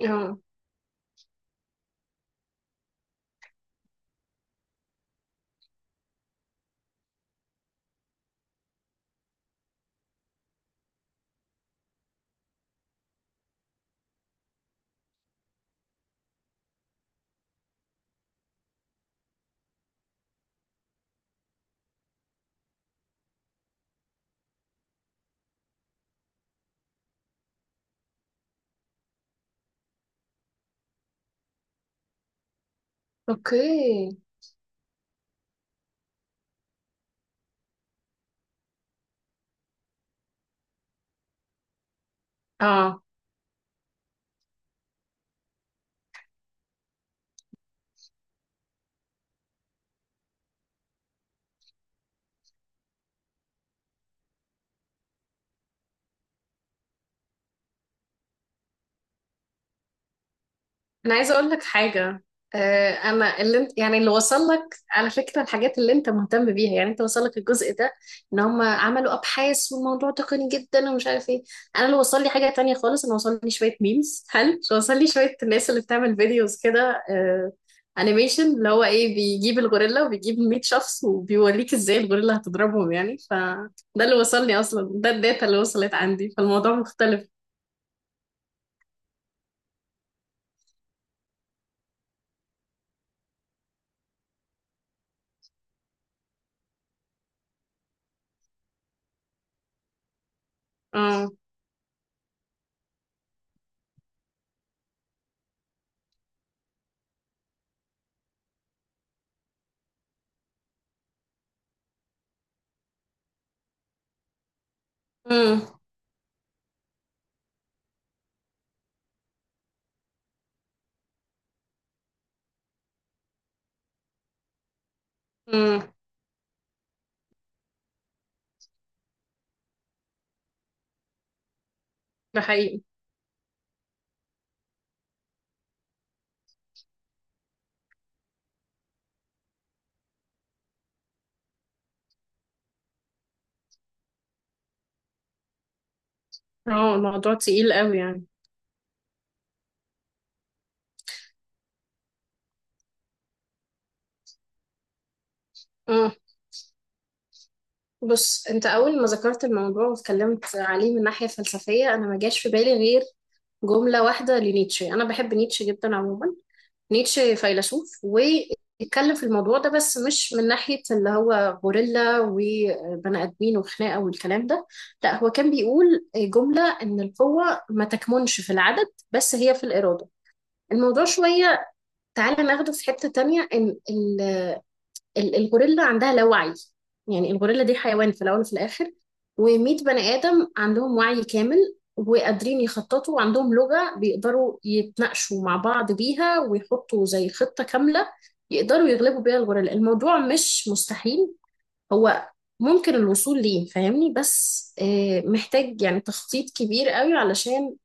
اه، اوكي، اه، انا عايزه اقول لك حاجه. انا اللي انت، يعني اللي وصل لك على فكره الحاجات اللي انت مهتم بيها، يعني انت وصل لك الجزء ده ان هم عملوا ابحاث والموضوع تقني جدا ومش عارف ايه. انا اللي وصل لي حاجه تانية خالص، انا وصل لي شويه ميمز، هل وصل لي شويه الناس اللي بتعمل فيديوز كده؟ انيميشن اللي هو ايه بيجيب الغوريلا وبيجيب 100 شخص وبيوريك ازاي الغوريلا هتضربهم، يعني فده اللي وصلني اصلا، ده الداتا اللي وصلت عندي، فالموضوع مختلف. اه. امم. امم. ده حقيقي. اه، الموضوع تقيل قوي يعني. امم. بص، انت اول ما ذكرت الموضوع واتكلمت عليه من ناحية فلسفية، انا ما جاش في بالي غير جملة واحدة لنيتشه. أنا بحب نيتشه جدا عموما، نيتشه فيلسوف واتكلم في الموضوع ده، بس مش من ناحية اللي هو غوريلا وبني آدمين وخناقة والكلام ده. لا، هو كان بيقول جملة إن القوة ما تكمنش في العدد بس، هي في الإرادة. الموضوع شوية، تعالى ناخده في حتة تانية. إن الغوريلا عندها لا وعي، يعني الغوريلا دي حيوان في الأول وفي الآخر، ومية بني آدم عندهم وعي كامل وقادرين يخططوا وعندهم لغة بيقدروا يتناقشوا مع بعض بيها ويحطوا زي خطة كاملة يقدروا يغلبوا بيها الغوريلا. الموضوع مش مستحيل، هو ممكن الوصول ليه، فاهمني؟ بس محتاج يعني تخطيط كبير قوي علشان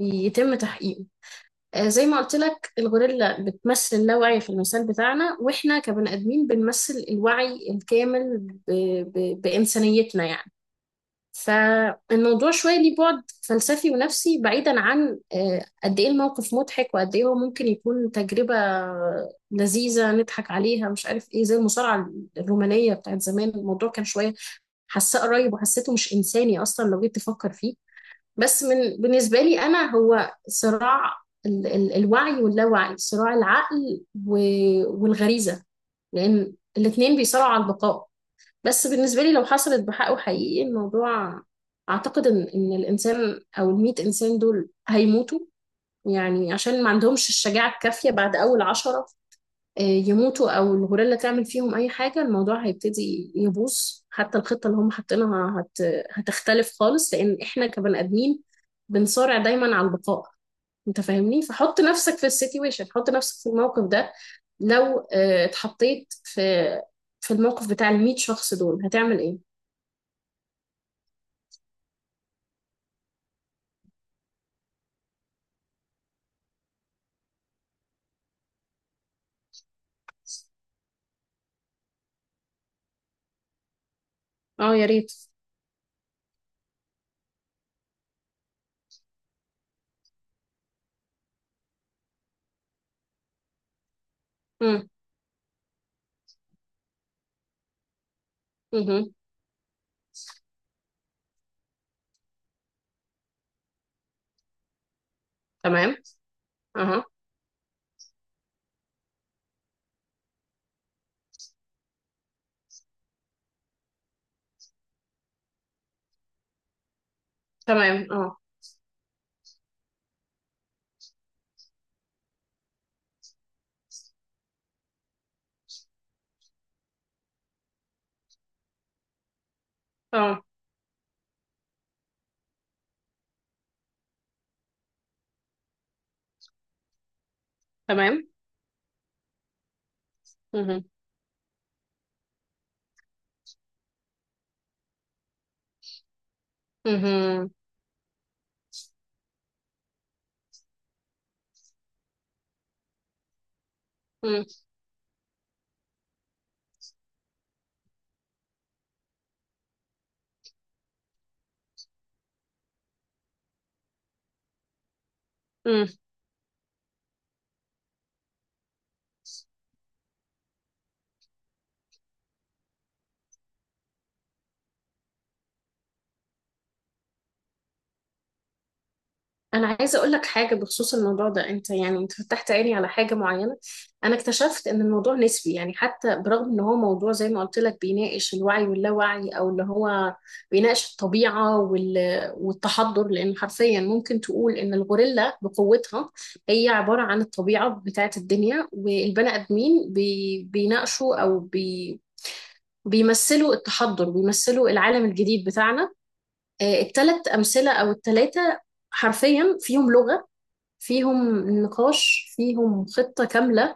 يتم تحقيقه. زي ما قلت لك، الغوريلا بتمثل اللاوعي في المثال بتاعنا، واحنا كبني ادمين بنمثل الوعي الكامل ب... بانسانيتنا يعني. فالموضوع شويه ليه بعد فلسفي ونفسي بعيدا عن قد ايه الموقف مضحك وقد ايه هو ممكن يكون تجربه لذيذه نضحك عليها مش عارف ايه، زي المصارعه الرومانيه بتاعت زمان. الموضوع كان شويه حاساه قريب وحسيته مش انساني اصلا لو جيت تفكر فيه. بس من بالنسبة لي أنا، هو صراع ال ال الوعي واللاوعي، صراع العقل والغريزة، لأن الاتنين بيصارعوا على البقاء. بس بالنسبة لي لو حصلت بحقه حقيقي الموضوع، أعتقد إن الإنسان أو المية إنسان دول هيموتوا، يعني عشان ما عندهمش الشجاعة الكافية بعد أول 10. يموتوا او الغوريلا تعمل فيهم اي حاجه، الموضوع هيبتدي يبوظ. حتى الخطه اللي هم حاطينها هتختلف خالص، لان احنا كبني ادمين بنصارع دايما على البقاء. انت فاهمني، فحط نفسك في السيتويشن، حط نفسك في الموقف ده. لو اتحطيت في الموقف بتاع ال 100 شخص دول، هتعمل ايه؟ اه يا ريت. امم. امم. تمام. اها. تمام. اه. اه. تمام. امم. امم. انا عايزه اقول لك حاجه بخصوص الموضوع ده. انت يعني انت فتحت عيني على حاجه معينه. انا اكتشفت ان الموضوع نسبي، يعني حتى برغم ان هو موضوع زي ما قلت لك بيناقش الوعي واللاوعي، او اللي هو بيناقش الطبيعه والتحضر، لان حرفيا ممكن تقول ان الغوريلا بقوتها هي عباره عن الطبيعه بتاعه الدنيا، والبني ادمين بيناقشوا او بيمثلوا التحضر، بيمثلوا العالم الجديد بتاعنا. الثلاث امثله او الثلاثه حرفيا فيهم لغة، فيهم نقاش، فيهم خطة كاملة.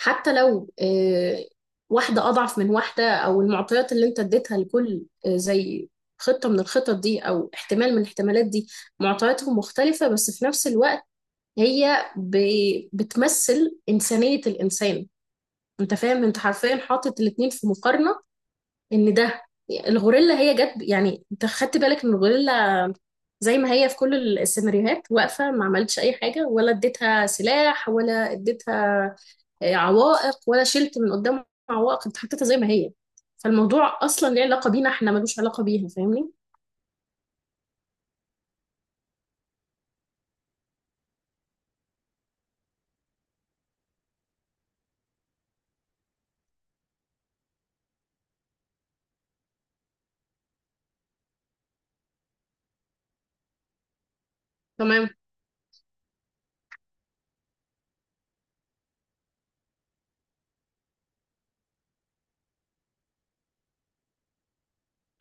حتى لو واحدة أضعف من واحدة، أو المعطيات اللي أنت اديتها لكل زي خطة من الخطط دي أو احتمال من الاحتمالات دي، معطياتهم مختلفة، بس في نفس الوقت هي بتمثل إنسانية الإنسان. أنت فاهم؟ أنت حرفيا حاطط الاتنين في مقارنة. ان ده الغوريلا هي جت، يعني انت خدت بالك ان الغوريلا زي ما هي في كل السيناريوهات واقفه، ما عملتش اي حاجه، ولا اديتها سلاح ولا اديتها عوائق، ولا شلت من قدام عوائق، انت حطيتها زي ما هي. فالموضوع اصلا ليه علاقه بينا، احنا ملوش علاقه بيها، فاهمني؟ تمام.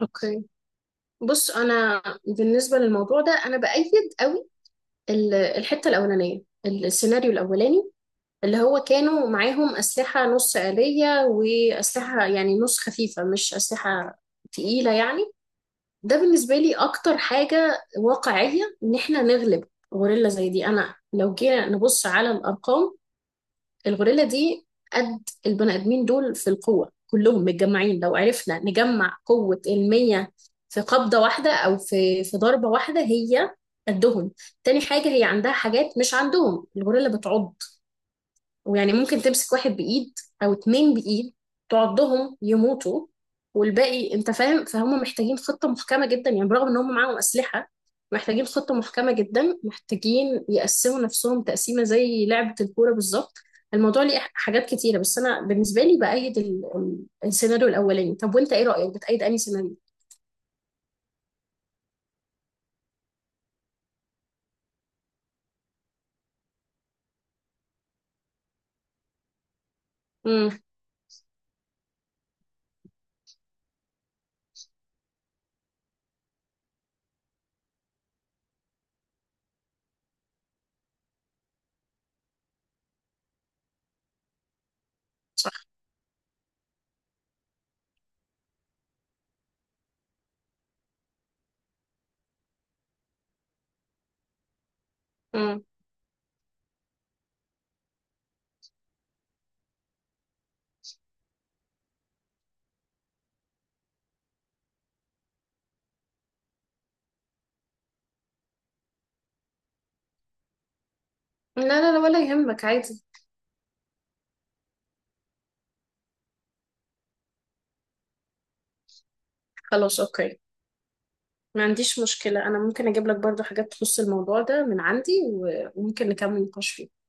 اوكي، بص انا بالنسبه للموضوع ده انا بايد قوي الحته الاولانيه، السيناريو الاولاني، اللي هو كانوا معاهم أسلحة نص آلية وأسلحة يعني نص خفيفة، مش أسلحة تقيلة يعني. ده بالنسبة لي أكتر حاجة واقعية إن إحنا نغلب غوريلا زي دي. أنا لو جينا نبص على الأرقام، الغوريلا دي قد البني آدمين دول في القوة كلهم متجمعين. لو عرفنا نجمع قوة المية في قبضة واحدة أو في ضربة واحدة، هي قدهم. تاني حاجة، هي عندها حاجات مش عندهم، الغوريلا بتعض، ويعني ممكن تمسك واحد بإيد أو اتنين بإيد تعضهم يموتوا، والباقي أنت فاهم. فهم محتاجين خطة محكمة جدا، يعني برغم إن هم معاهم أسلحة محتاجين خطة محكمة جدا، محتاجين يقسموا نفسهم تقسيمة زي لعبة الكورة بالظبط. الموضوع ليه حاجات كتيرة، بس أنا بالنسبة لي بأيد السيناريو الأولاني. طب وأنت إيه رأيك، بتأيد أنهي سيناريو؟ مم. مم. لا لا لا، ولا يهمك، عادي. خلاص أوكي، ما عنديش مشكلة، أنا ممكن أجيب لك برضو حاجات تخص الموضوع ده من عندي وممكن نكمل نقاش فيه.